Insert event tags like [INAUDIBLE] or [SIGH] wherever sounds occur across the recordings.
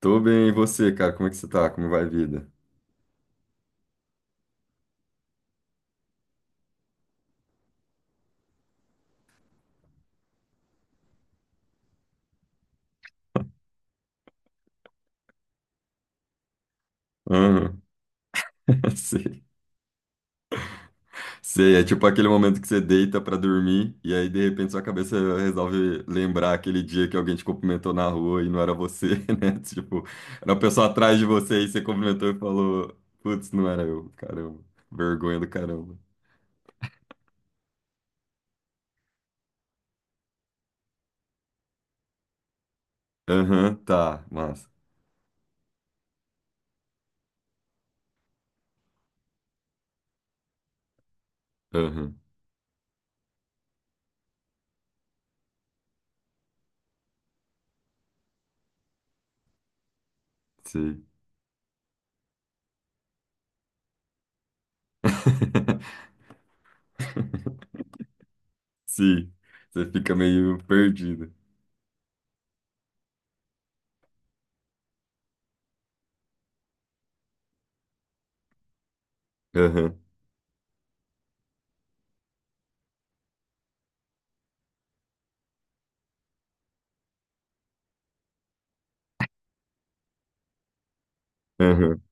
Tô bem, e você, cara? Como é que você tá? Como vai a vida? Aham. [LAUGHS] Sei. Sei, é tipo aquele momento que você deita pra dormir e aí de repente sua cabeça resolve lembrar aquele dia que alguém te cumprimentou na rua e não era você, [LAUGHS] né? Tipo, era uma pessoa atrás de você e você cumprimentou e falou: putz, não era eu, caramba. Vergonha do caramba. Aham, tá, massa. Aham, sei. [LAUGHS] Sim, você fica meio perdido. Aham, aham,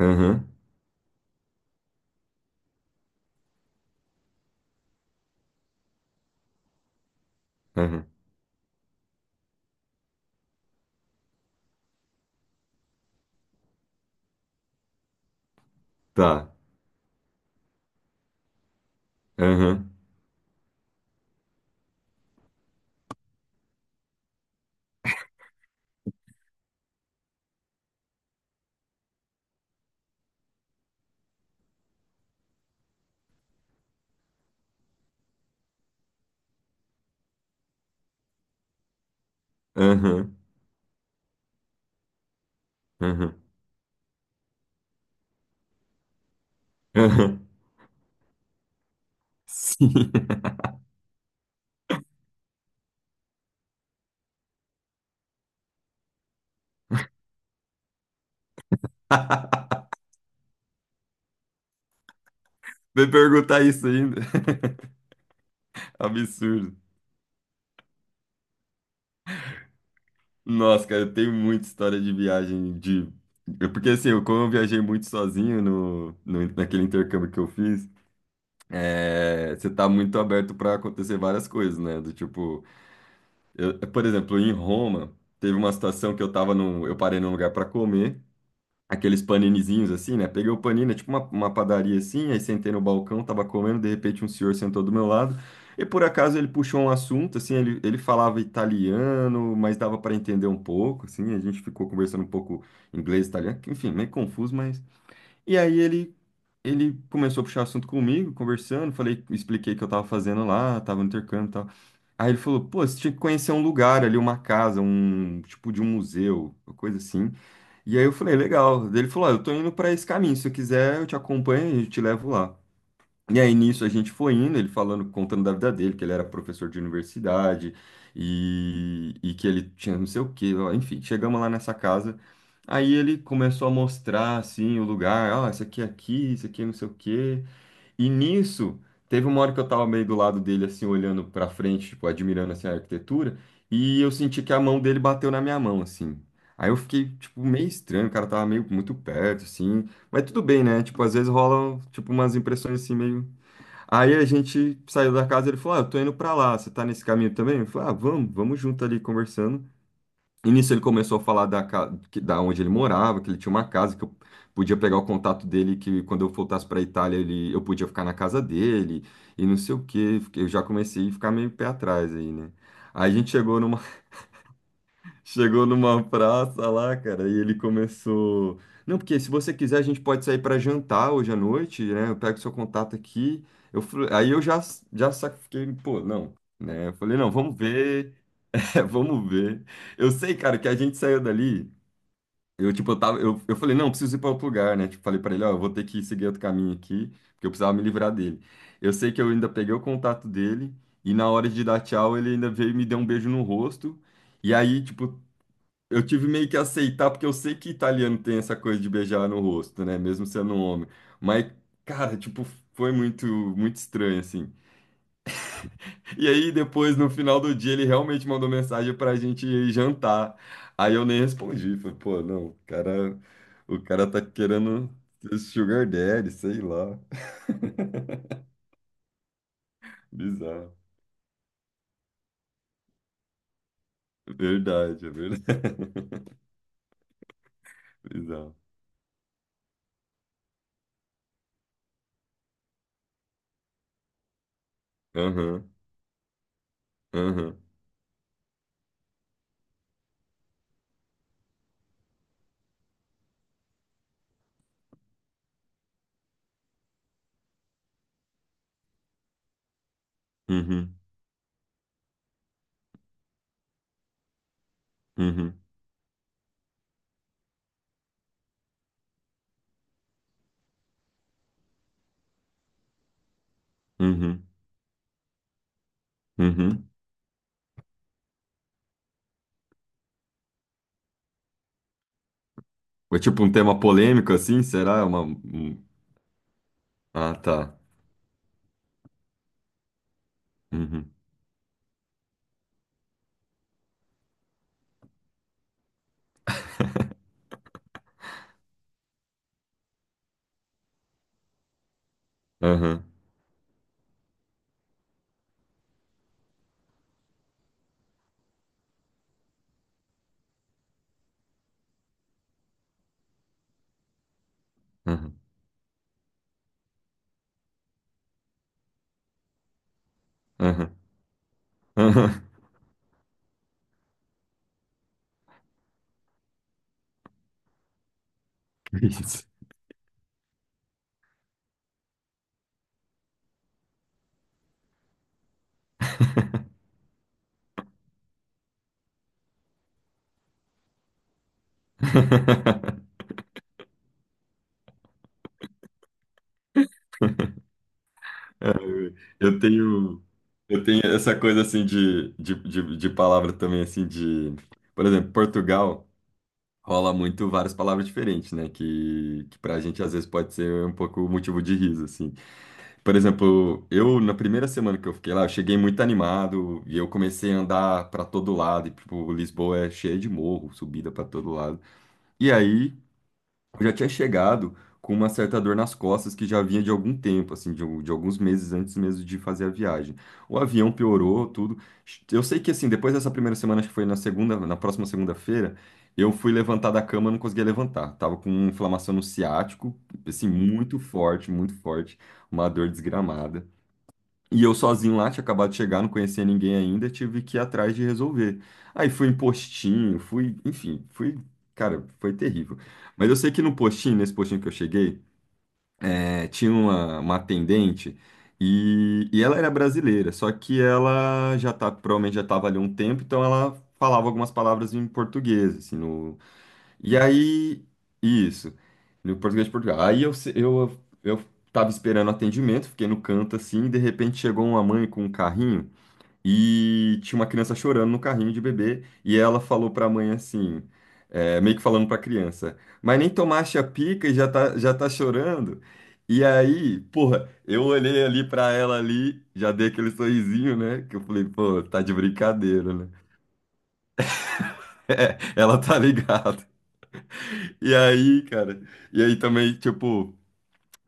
aham, aham. Tá. Aham, aham, aham, aham. Sim. [LAUGHS] Vai perguntar isso ainda. Absurdo. Nossa, cara, eu tenho muita história de viagem de. Porque assim, eu, como eu viajei muito sozinho no naquele intercâmbio que eu fiz, você tá muito aberto para acontecer várias coisas, né? Do tipo, por exemplo, em Roma, teve uma situação que eu tava num. Eu parei num lugar para comer. Aqueles paninizinhos assim, né? Peguei o panini, é tipo uma padaria assim, aí sentei no balcão, tava comendo, de repente um senhor sentou do meu lado, e por acaso ele puxou um assunto, assim, ele falava italiano, mas dava para entender um pouco, assim, a gente ficou conversando um pouco inglês, italiano, que, enfim, meio confuso, mas... E aí ele... Ele começou a puxar assunto comigo, conversando, falei, expliquei o que eu tava fazendo lá, tava no intercâmbio e tal. Aí ele falou, pô, você tinha que conhecer um lugar ali, uma casa, um tipo de um museu, uma coisa assim. E aí eu falei, legal. Daí ele falou, ó, eu tô indo pra esse caminho, se eu quiser eu te acompanho e te levo lá. E aí nisso a gente foi indo, ele falando, contando da vida dele, que ele era professor de universidade e que ele tinha não sei o quê, ó, enfim, chegamos lá nessa casa. Aí ele começou a mostrar assim o lugar, ó, isso aqui é aqui, isso aqui é não sei o quê. E nisso, teve uma hora que eu tava meio do lado dele, assim, olhando pra frente, tipo, admirando, assim, a arquitetura, e eu senti que a mão dele bateu na minha mão, assim. Aí eu fiquei, tipo, meio estranho, o cara tava meio muito perto, assim. Mas tudo bem, né? Tipo, às vezes rolam, tipo, umas impressões, assim, meio... Aí a gente saiu da casa, ele falou, ah, eu tô indo pra lá, você tá nesse caminho também? Eu falei, ah, vamos, vamos junto ali, conversando. E nisso ele começou a falar da onde ele morava, que ele tinha uma casa, que eu podia pegar o contato dele, que quando eu voltasse para a Itália ele, eu podia ficar na casa dele, e não sei o quê. Eu já comecei a ficar meio pé atrás aí, né? Aí a gente chegou numa, [LAUGHS] chegou numa praça lá, cara, e ele começou. Não, porque se você quiser a gente pode sair para jantar hoje à noite, né? Eu pego seu contato aqui. Eu, falei- aí eu já, já sa- Fiquei, pô, não, né? Eu falei, não, vamos ver, [LAUGHS] vamos ver. Eu sei, cara, que a gente saiu dali. Eu, tipo, eu tava, eu falei, não, eu preciso ir para outro lugar, né? Tipo, falei para ele, ó, eu vou ter que seguir outro caminho aqui, porque eu precisava me livrar dele. Eu sei que eu ainda peguei o contato dele, e na hora de dar tchau, ele ainda veio e me deu um beijo no rosto. E aí, tipo, eu tive meio que aceitar, porque eu sei que italiano tem essa coisa de beijar no rosto, né? Mesmo sendo um homem. Mas, cara, tipo, foi muito, muito estranho, assim. E aí, depois, no final do dia, ele realmente mandou mensagem pra gente ir jantar. Aí eu nem respondi. Falei, pô, não, o cara tá querendo ser sugar daddy, sei lá. [LAUGHS] Bizarro. Verdade, é verdade. [LAUGHS] Bizarro. Aham, aham, uhum, uhum, uhum, uhum. Ou tipo um tema polêmico assim, será? É. Ah, tá. Uhum, aham, aham, aham, aham. [LAUGHS] Que isso? É, Eu tenho, eu tenho essa coisa assim de palavra também assim de, por exemplo, Portugal rola muito várias palavras diferentes, né? Que pra gente às vezes pode ser um pouco motivo de riso, assim. Por exemplo, eu na primeira semana que eu fiquei lá, eu cheguei muito animado e eu comecei a andar pra todo lado, e tipo, Lisboa é cheia de morro, subida pra todo lado. E aí eu já tinha chegado com uma certa dor nas costas que já vinha de algum tempo, assim, de alguns meses antes mesmo de fazer a viagem. O avião piorou, tudo. Eu sei que, assim, depois dessa primeira semana, acho que foi na segunda, na próxima segunda-feira, eu fui levantar da cama, não conseguia levantar. Tava com uma inflamação no ciático, assim, muito forte, uma dor desgramada. E eu sozinho lá, tinha acabado de chegar, não conhecia ninguém ainda, tive que ir atrás de resolver. Aí fui em postinho, fui, enfim, fui, cara, foi terrível. Mas eu sei que no postinho, nesse postinho que eu cheguei, tinha uma atendente e ela era brasileira, só que ela já tá, provavelmente já estava ali há um tempo, então ela falava algumas palavras em português, assim, no, e aí, isso, no português de Portugal. Aí eu, se- eu tava esperando atendimento, fiquei no canto assim, e de repente chegou uma mãe com um carrinho e tinha uma criança chorando no carrinho de bebê. E ela falou pra mãe assim, é, meio que falando pra criança: mas nem tomaste a pica e já tá chorando. E aí, porra, eu olhei ali pra ela ali, já dei aquele sorrisinho, né? Que eu falei, pô, tá de brincadeira, né? [LAUGHS] Ela tá ligada. E aí, cara, e aí também, tipo,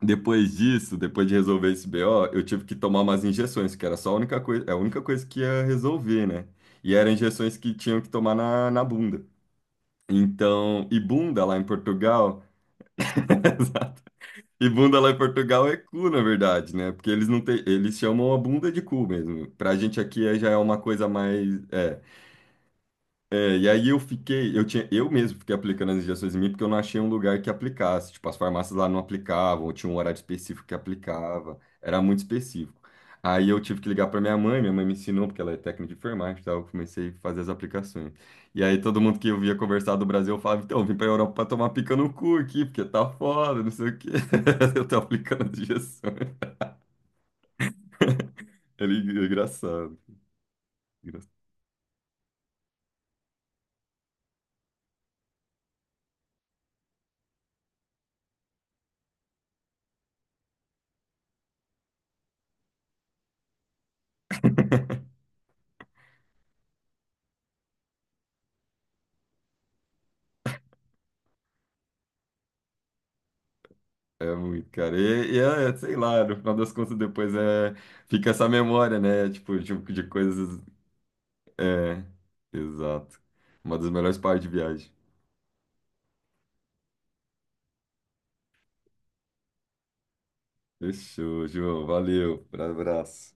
depois disso, depois de resolver esse BO, eu tive que tomar umas injeções, que era só a única coisa que ia resolver, né? E eram injeções que tinham que tomar na bunda. Então, e bunda lá em Portugal, [LAUGHS] exato. E bunda lá em Portugal é cu, na verdade, né? Porque eles não têm, eles chamam a bunda de cu mesmo. Pra gente aqui já é uma coisa mais, é, é, e aí eu fiquei, eu tinha, eu mesmo fiquei aplicando as injeções em mim porque eu não achei um lugar que aplicasse. Tipo, as farmácias lá não aplicavam, ou tinha um horário específico que aplicava, era muito específico. Aí eu tive que ligar para minha mãe me ensinou, porque ela é técnica de enfermagem, e eu comecei a fazer as aplicações. E aí todo mundo que eu via conversar do Brasil, eu falava, então, eu vim para Europa para tomar pica no cu aqui, porque tá foda, não sei o quê. [LAUGHS] Eu tô aplicando as injeções. [LAUGHS] Era engraçado. Engraçado. É muito, cara. Sei lá, no final das contas, depois fica essa memória, né? Tipo, tipo de coisas. É, exato. Uma das melhores partes de viagem. Fechou, João. Valeu. Abraço.